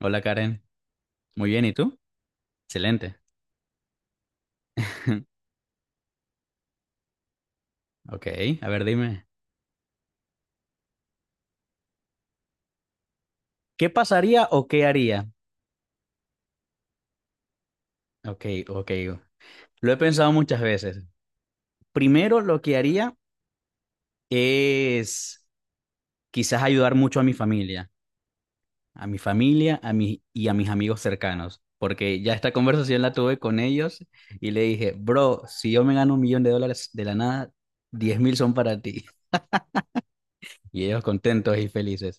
Hola Karen, muy bien, ¿y tú? Excelente. Ok, a ver, dime, ¿qué pasaría o qué haría? Ok, ok, lo he pensado muchas veces. Primero, lo que haría es quizás ayudar mucho a mi familia, y a mis amigos cercanos, porque ya esta conversación la tuve con ellos y le dije, bro, si yo me gano 1 millón de dólares de la nada, 10.000 son para ti. Y ellos contentos y felices.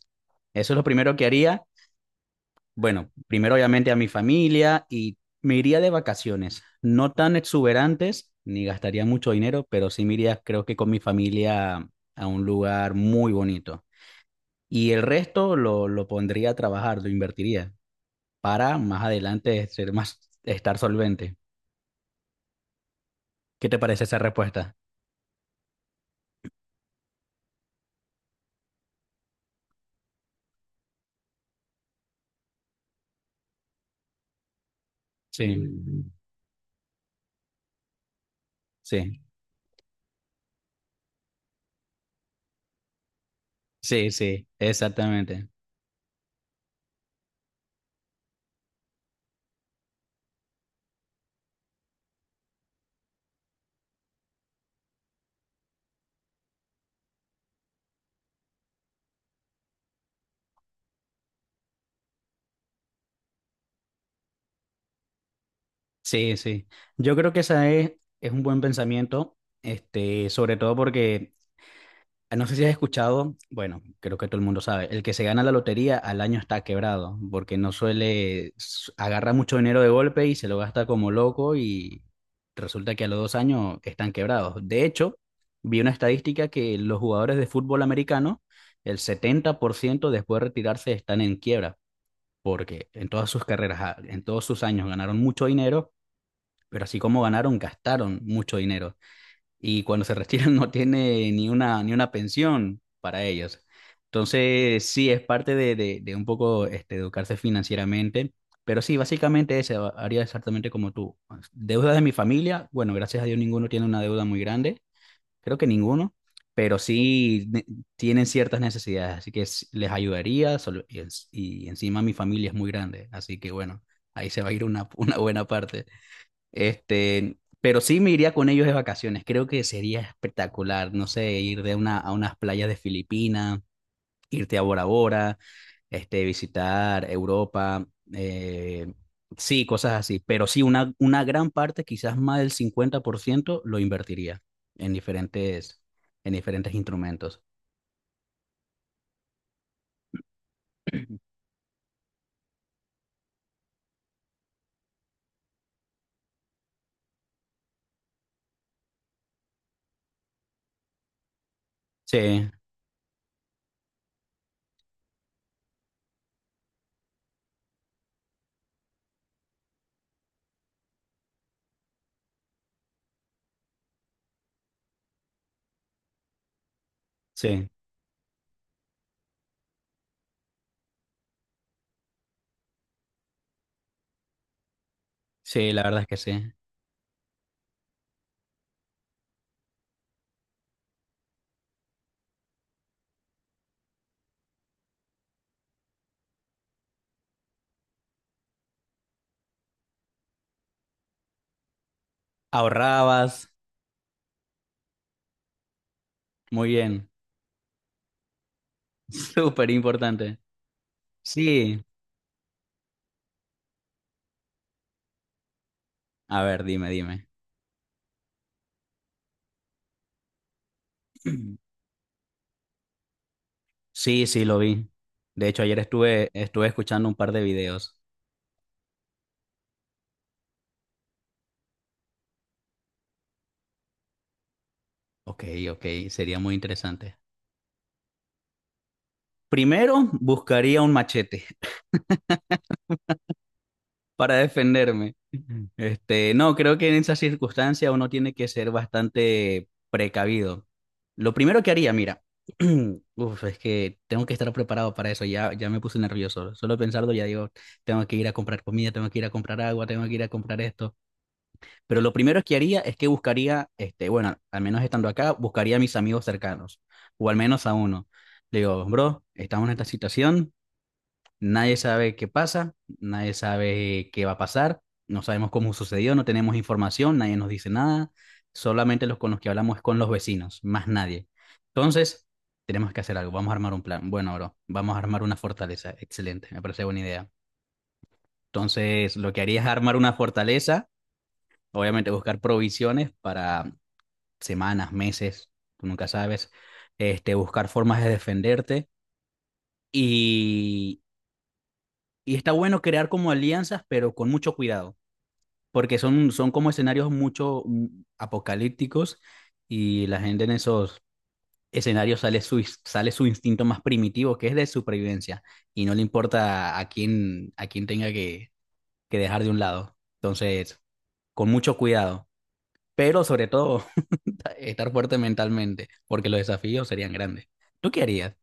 Eso es lo primero que haría. Bueno, primero obviamente a mi familia y me iría de vacaciones, no tan exuberantes, ni gastaría mucho dinero, pero sí me iría creo que con mi familia a un lugar muy bonito. Y el resto lo pondría a trabajar, lo invertiría para más adelante estar solvente. ¿Qué te parece esa respuesta? Sí. Mm. Sí, sí, sí, exactamente. Sí, sí. Yo creo que esa es un buen pensamiento, este, sobre todo porque, ah, no sé si has escuchado, bueno, creo que todo el mundo sabe, el que se gana la lotería al año está quebrado, porque no suele, agarra mucho dinero de golpe y se lo gasta como loco y resulta que a los 2 años están quebrados. De hecho, vi una estadística que los jugadores de fútbol americano, el 70% después de retirarse están en quiebra, porque en todas sus carreras, ah, en todos sus años ganaron mucho dinero, pero así como ganaron, gastaron mucho dinero y cuando se retiran no tiene ni una pensión para ellos. Entonces, sí, es parte de un poco este, educarse financieramente, pero sí, básicamente haría exactamente como tú. Deudas de mi familia, bueno, gracias a Dios ninguno tiene una deuda muy grande, creo que ninguno, pero sí tienen ciertas necesidades, así que les ayudaría y encima mi familia es muy grande, así que bueno, ahí se va a ir una, una buena parte. Este, pero sí me iría con ellos de vacaciones. Creo que sería espectacular, no sé, ir a unas playas de Filipinas, irte a Bora Bora, este, visitar Europa, eh, sí, cosas así. Pero sí, una gran parte, quizás más del 50%, lo invertiría en diferentes, en diferentes instrumentos. Sí, sí, sí, la verdad es que sí. Ahorrabas, muy bien, súper importante. Sí, a ver, dime, dime. Sí, sí, lo vi. De hecho, ayer estuve escuchando un par de videos. Ok, ok, sería muy interesante. Primero, buscaría un machete para defenderme. Este, no, creo que en esas circunstancias uno tiene que ser bastante precavido. Lo primero que haría, mira, uf, es que tengo que estar preparado para eso. Ya, ya me puse nervioso. Solo pensarlo ya digo, tengo que ir a comprar comida, tengo que ir a comprar agua, tengo que ir a comprar esto. Pero lo primero que haría es que buscaría, este, bueno, al menos estando acá, buscaría a mis amigos cercanos, o al menos a uno. Le digo, bro, estamos en esta situación, nadie sabe qué pasa, nadie sabe qué va a pasar, no sabemos cómo sucedió, no tenemos información, nadie nos dice nada, solamente los con los que hablamos es con los vecinos, más nadie. Entonces, tenemos que hacer algo, vamos a armar un plan. Bueno, bro, vamos a armar una fortaleza, excelente, me parece buena idea. Entonces, lo que haría es armar una fortaleza, obviamente buscar provisiones para semanas, meses, tú nunca sabes, este, buscar formas de defenderte y, y está bueno crear como alianzas, pero con mucho cuidado, porque son como escenarios mucho apocalípticos, y la gente en esos escenarios sale su instinto más primitivo, que es de supervivencia, y no le importa a quién tenga que dejar de un lado. Entonces, con mucho cuidado, pero sobre todo estar fuerte mentalmente, porque los desafíos serían grandes. ¿Tú qué harías?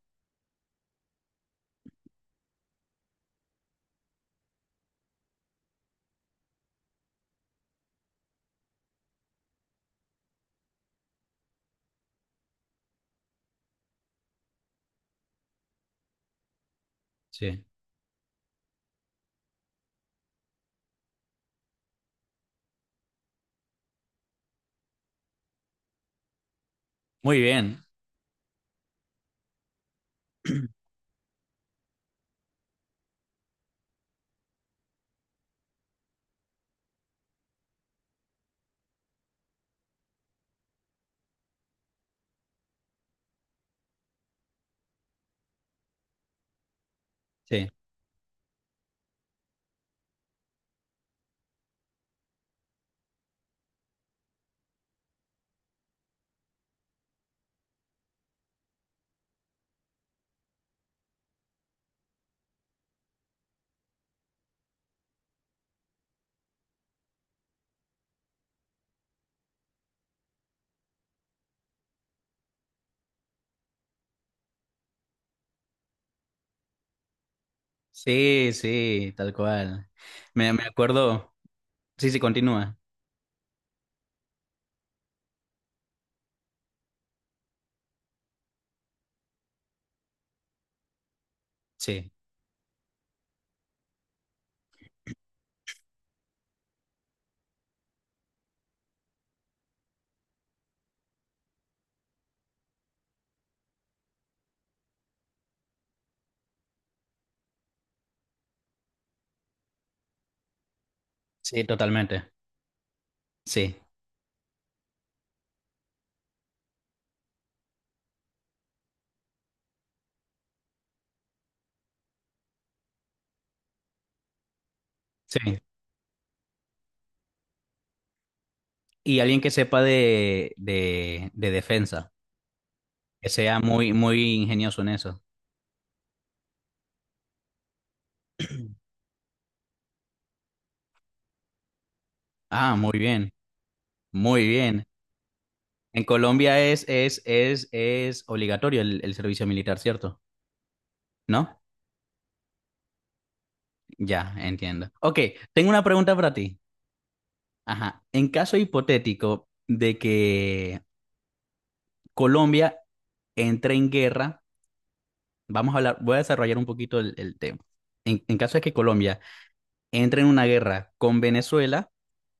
Sí. Muy bien. Sí. Sí, sí, tal cual. Me acuerdo. Sí, sí, continúa. Sí, sí, totalmente. Sí, sí. Y alguien que sepa de defensa, que sea muy, muy ingenioso en eso. Ah, muy bien, muy bien. En Colombia es obligatorio el servicio militar, ¿cierto? ¿No? Ya, entiendo. Ok, tengo una pregunta para ti. Ajá. ¿En caso hipotético de que Colombia entra en guerra? Vamos a hablar, voy a desarrollar un poquito el tema. En caso de que Colombia entre en una guerra con Venezuela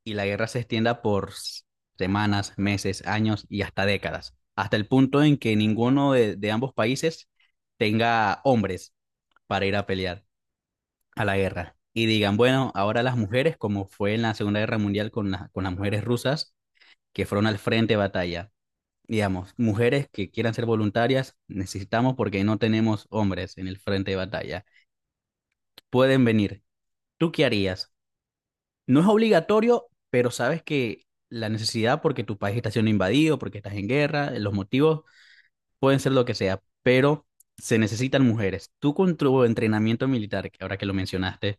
y la guerra se extienda por semanas, meses, años y hasta décadas, hasta el punto en que ninguno de ambos países tenga hombres para ir a pelear a la guerra. Y digan, bueno, ahora las mujeres, como fue en la Segunda Guerra Mundial con las mujeres rusas, que fueron al frente de batalla, digamos, mujeres que quieran ser voluntarias, necesitamos porque no tenemos hombres en el frente de batalla. Pueden venir. ¿Tú qué harías? No es obligatorio, pero sabes que la necesidad porque tu país está siendo invadido, porque estás en guerra, los motivos pueden ser lo que sea, pero se necesitan mujeres. Tú, con tu entrenamiento militar, que ahora que lo mencionaste,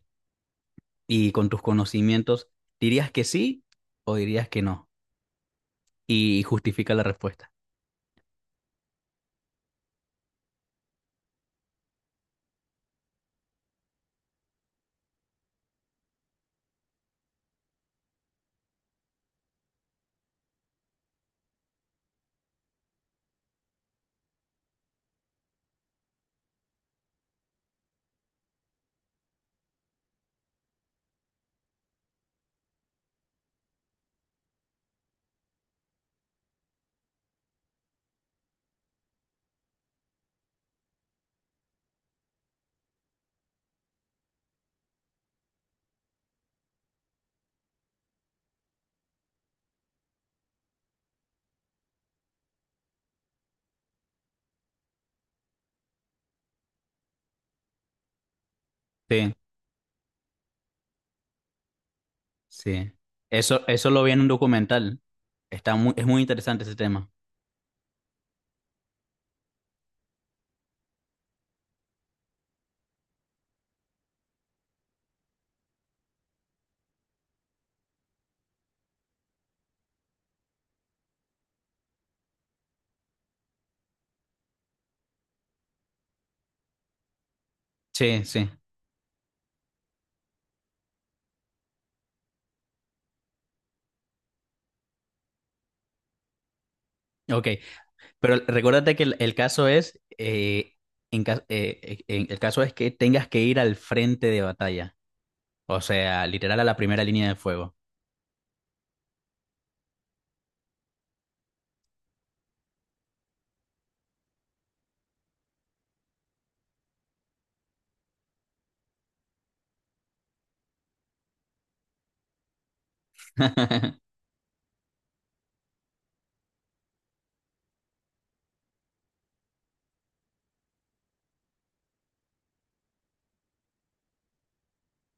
y con tus conocimientos, ¿dirías que sí o dirías que no? Y justifica la respuesta. Sí. Sí. Eso lo vi en un documental. Está muy, es muy interesante ese tema. Sí, sí. Ok. Pero recuérdate que el caso es, en ca- en- el caso es que tengas que ir al frente de batalla. O sea, literal a la primera línea de fuego.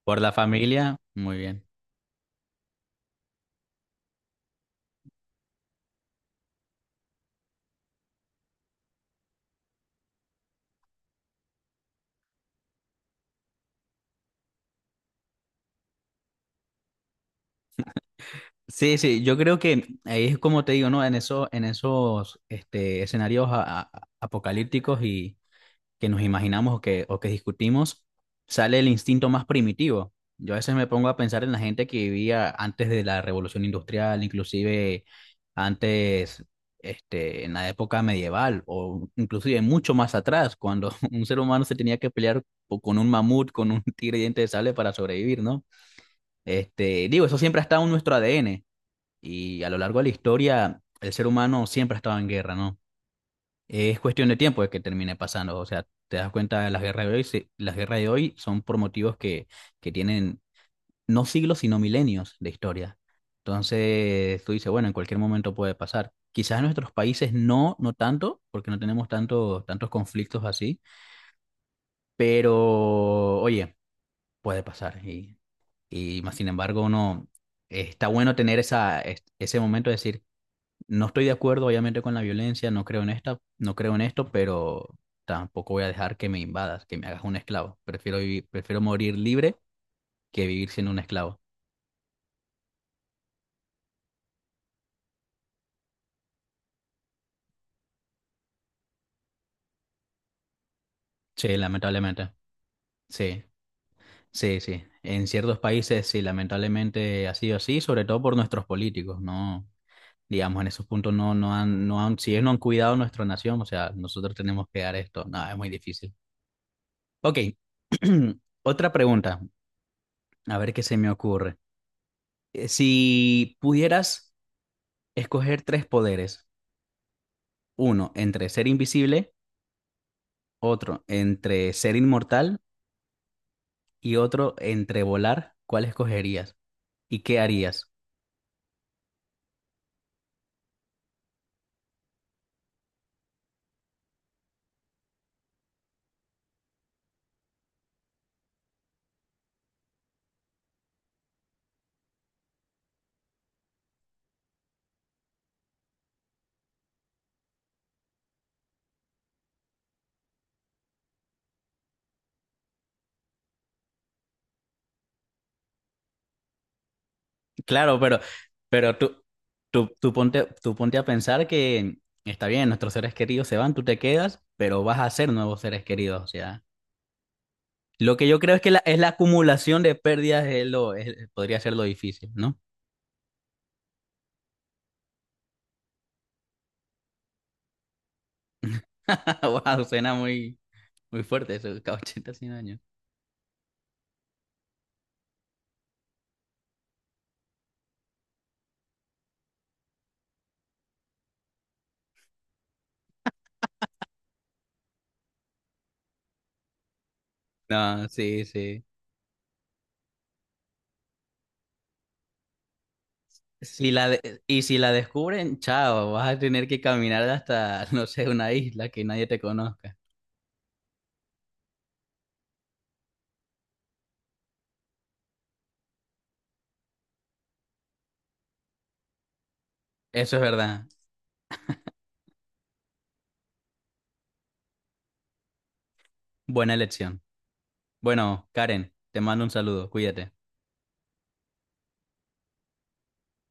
Por la familia, muy bien. Sí, sí, yo creo que ahí es como te digo, ¿no? En eso, en escenarios apocalípticos que nos imaginamos o que discutimos, sale el instinto más primitivo. Yo a veces me pongo a pensar en la gente que vivía antes de la revolución industrial, inclusive antes, este, en la época medieval o inclusive mucho más atrás, cuando un ser humano se tenía que pelear con un mamut, con un tigre diente de sable para sobrevivir, ¿no? Este, digo, eso siempre ha estado en nuestro ADN, y a lo largo de la historia el ser humano siempre ha estado en guerra, ¿no? Es cuestión de tiempo de que termine pasando. O sea, te das cuenta de las guerras de hoy. Se- las guerras de hoy son por motivos que tienen no siglos, sino milenios de historia. Entonces, tú dices, bueno, en cualquier momento puede pasar. Quizás en nuestros países no, no tanto, porque no tenemos tanto, tantos conflictos así, pero oye, puede pasar. Y más sin embargo, uno, está bueno tener esa, ese momento de decir, no estoy de acuerdo, obviamente, con la violencia, no creo en esta, no creo en esto, pero tampoco voy a dejar que me invadas, que me hagas un esclavo. Prefiero vivir, prefiero morir libre que vivir siendo un esclavo. Sí, lamentablemente. Sí, sí, sí. En ciertos países, sí, lamentablemente ha sido así, sobre todo por nuestros políticos, ¿no? Digamos, en esos puntos no, no han, si ellos no han cuidado nuestra nación, o sea, nosotros tenemos que dar esto. No, es muy difícil. Ok. Otra pregunta, a ver qué se me ocurre. Si pudieras escoger tres poderes. Uno entre ser invisible, otro entre ser inmortal y otro entre volar. ¿Cuál escogerías? ¿Y qué harías? Claro, pero tú, tú ponte, tú ponte a pensar que está bien, nuestros seres queridos se van, tú te quedas, pero vas a ser nuevos seres queridos. O sea, lo que yo creo es que la, es la acumulación de pérdidas es lo, podría ser lo difícil, ¿no? Wow, suena muy, muy fuerte eso, cada 80, 100 años. No, sí, sí. Si la de- y si la descubren, chao, vas a tener que caminar hasta, no sé, una isla que nadie te conozca. Eso es verdad. Buena elección. Bueno, Karen, te mando un saludo, cuídate.